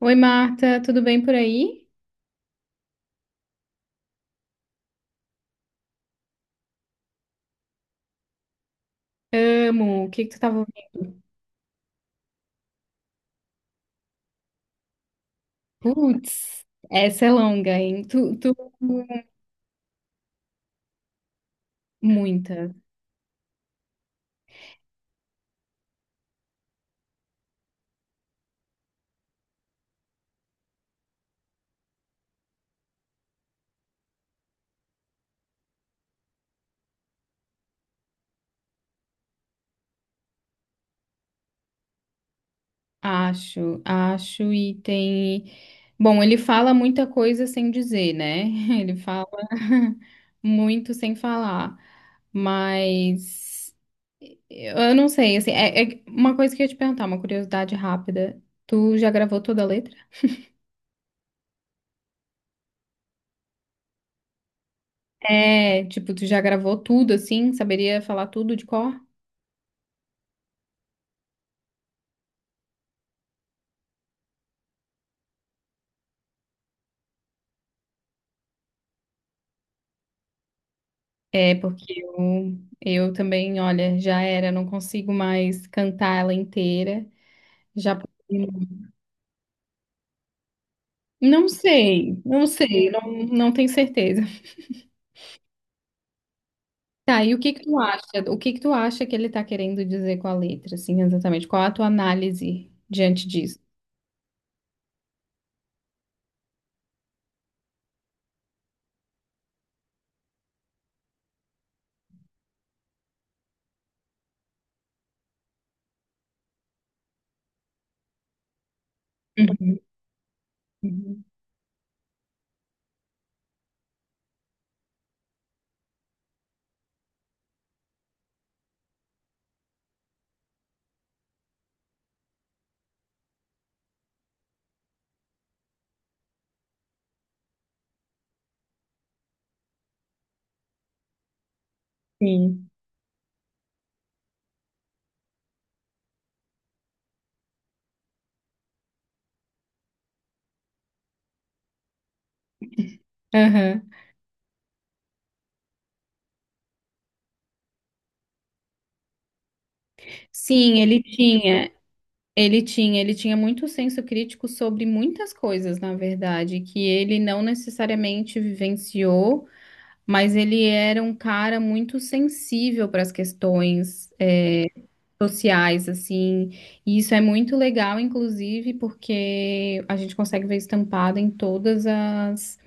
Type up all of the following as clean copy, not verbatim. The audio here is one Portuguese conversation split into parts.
Oi, Marta, tudo bem por aí? Amo. O que que tu tava ouvindo? Putz, essa é longa, hein? Tu... Muita. Acho, e tem... Bom, ele fala muita coisa sem dizer, né? Ele fala muito sem falar, mas eu não sei, assim, é uma coisa que eu ia te perguntar, uma curiosidade rápida. Tu já gravou toda a letra? É, tipo, tu já gravou tudo, assim? Saberia falar tudo de cor? É, porque eu também, olha, já era, não consigo mais cantar ela inteira. Já não sei, não sei, não, não tenho certeza. Tá, e o que que tu acha? O que que tu acha que ele tá querendo dizer com a letra, assim, exatamente? Qual a tua análise diante disso? Uhum, uhum. Sim. Aham. Sim, ele tinha. Ele tinha, ele tinha muito senso crítico sobre muitas coisas, na verdade, que ele não necessariamente vivenciou, mas ele era um cara muito sensível para as questões, é, sociais, assim. E isso é muito legal, inclusive, porque a gente consegue ver estampado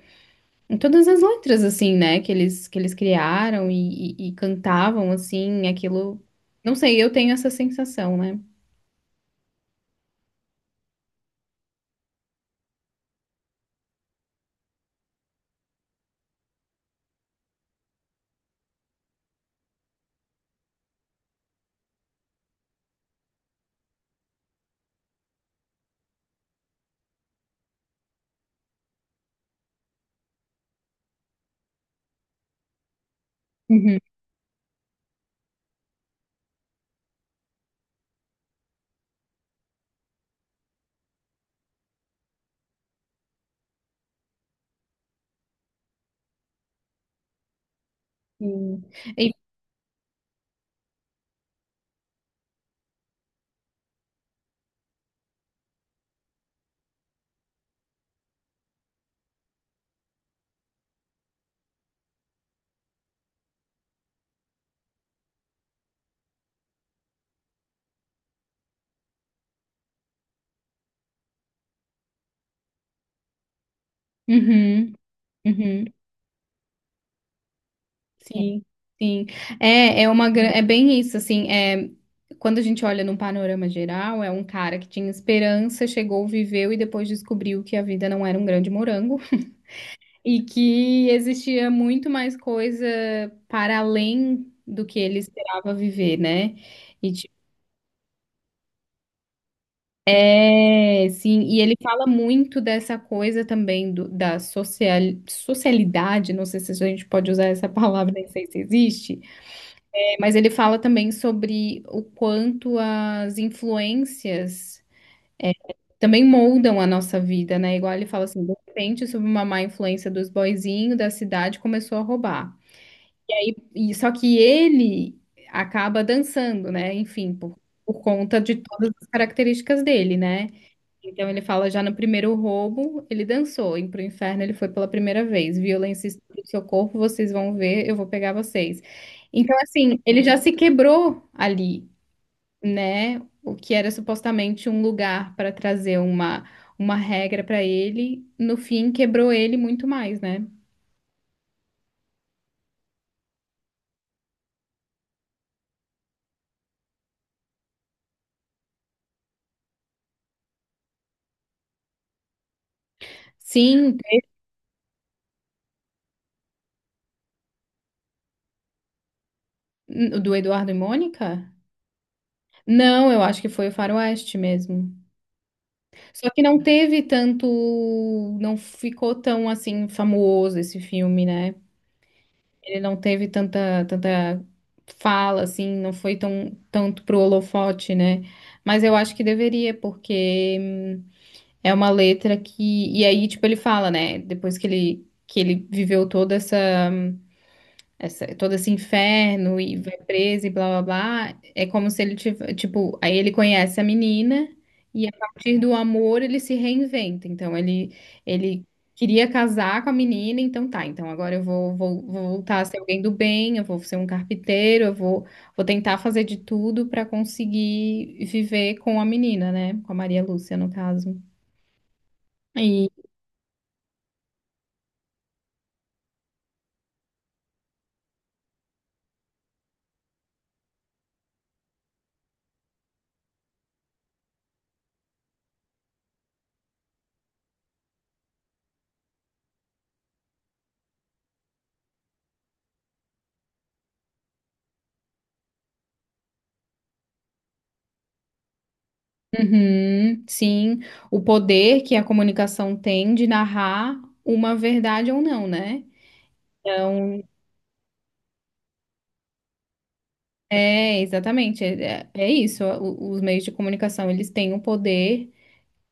em todas as letras, assim, né, que eles criaram e, e cantavam, assim, aquilo. Não sei, eu tenho essa sensação, né? Uhum. Sim. E uhum, uhum, é. Sim, sim. É, é uma, é bem isso, assim, é, quando a gente olha num panorama geral, é um cara que tinha esperança, chegou, viveu e depois descobriu que a vida não era um grande morango e que existia muito mais coisa para além do que ele esperava viver, né? E, tipo, é, sim, e ele fala muito dessa coisa também da social, socialidade, não sei se a gente pode usar essa palavra, nem sei se existe. Mas ele fala também sobre o quanto as influências também moldam a nossa vida, né? Igual ele fala assim, de repente, sob uma má influência dos boyzinhos da cidade, começou a roubar. E só que ele acaba dançando, né? Enfim, por conta de todas as características dele, né? Então ele fala já no primeiro roubo, ele dançou, e pro inferno ele foi pela primeira vez. Violência e estupro do seu corpo, vocês vão ver, eu vou pegar vocês. Então, assim, ele já se quebrou ali, né? O que era supostamente um lugar para trazer uma regra para ele, no fim quebrou ele muito mais, né? Sim, o do Eduardo e Mônica? Não, eu acho que foi o Faroeste mesmo. Só que não teve tanto, não ficou tão assim famoso esse filme, né? Ele não teve tanta fala assim, não foi tão tanto pro holofote, né? Mas eu acho que deveria, porque é uma letra que... E aí, tipo, ele fala, né? Depois que ele viveu toda essa, essa, todo esse inferno e vai preso e blá blá blá. É como se ele tivesse... Tipo, aí ele conhece a menina e a partir do amor ele se reinventa. Então, ele queria casar com a menina, então tá. Então, agora eu vou, vou voltar a ser alguém do bem, eu vou ser um carpinteiro, eu vou, vou tentar fazer de tudo pra conseguir viver com a menina, né? Com a Maria Lúcia, no caso. E. Uhum, sim, o poder que a comunicação tem de narrar uma verdade ou não, né? Então, é exatamente, é, é isso. o- os meios de comunicação, eles têm o poder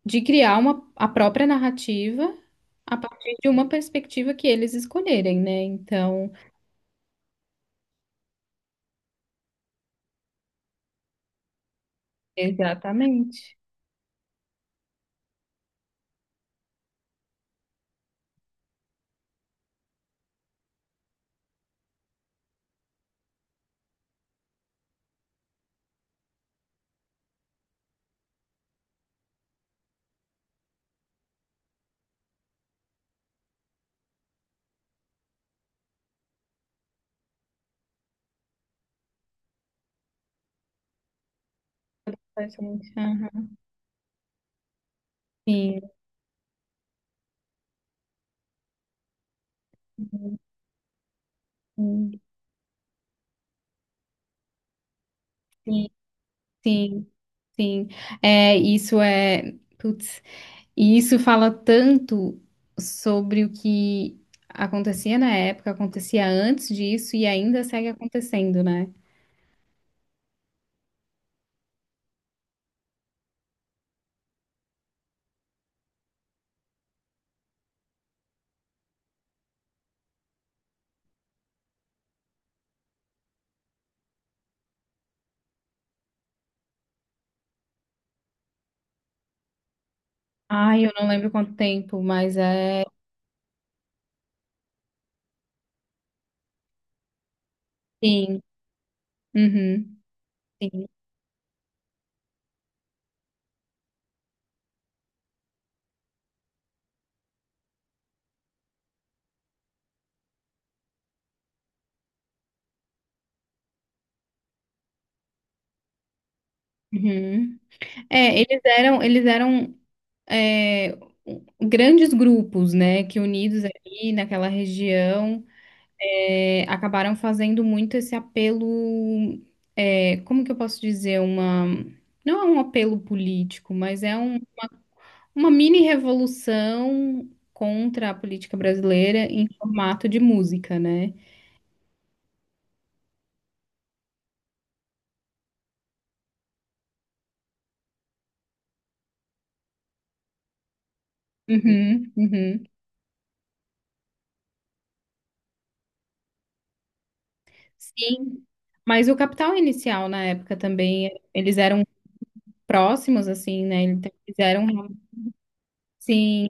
de criar uma, a própria narrativa a partir de uma perspectiva que eles escolherem, né? Então, exatamente. Exatamente. Aham. Sim, sim, sim, sim, sim. É, isso é... Putz. E isso fala tanto sobre o que acontecia na época, acontecia antes disso e ainda segue acontecendo, né? Ai, eu não lembro quanto tempo, mas é. Sim. Uhum. Sim. Uhum. É, eles eram, eles eram, é, grandes grupos, né? Que unidos ali naquela região, é, acabaram fazendo muito esse apelo. É, como que eu posso dizer? Uma... Não é um apelo político, mas é um uma mini revolução contra a política brasileira em formato de música, né? Uhum, uhum. Sim. Mas o Capital Inicial na época também, eles eram próximos, assim, né? Então, eles eram... Sim,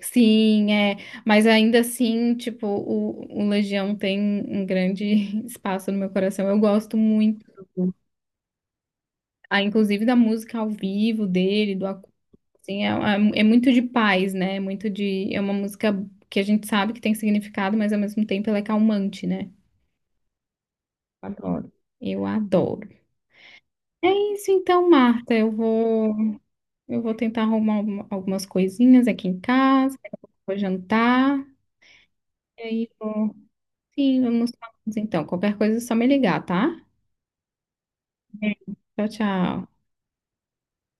sim, é. Mas ainda assim, tipo, o Legião tem um grande espaço no meu coração. Eu gosto muito. Ah, inclusive da música ao vivo dele, assim, é, é muito de paz, né? É muito de, é uma música que a gente sabe que tem significado, mas ao mesmo tempo ela é calmante, né? Adoro. Eu adoro. É isso então, Marta. Eu vou tentar arrumar algumas coisinhas aqui em casa, vou jantar, e aí vou. Sim, vamos falar então. Qualquer coisa é só me ligar, tá? Beijo. Tchau, tchau.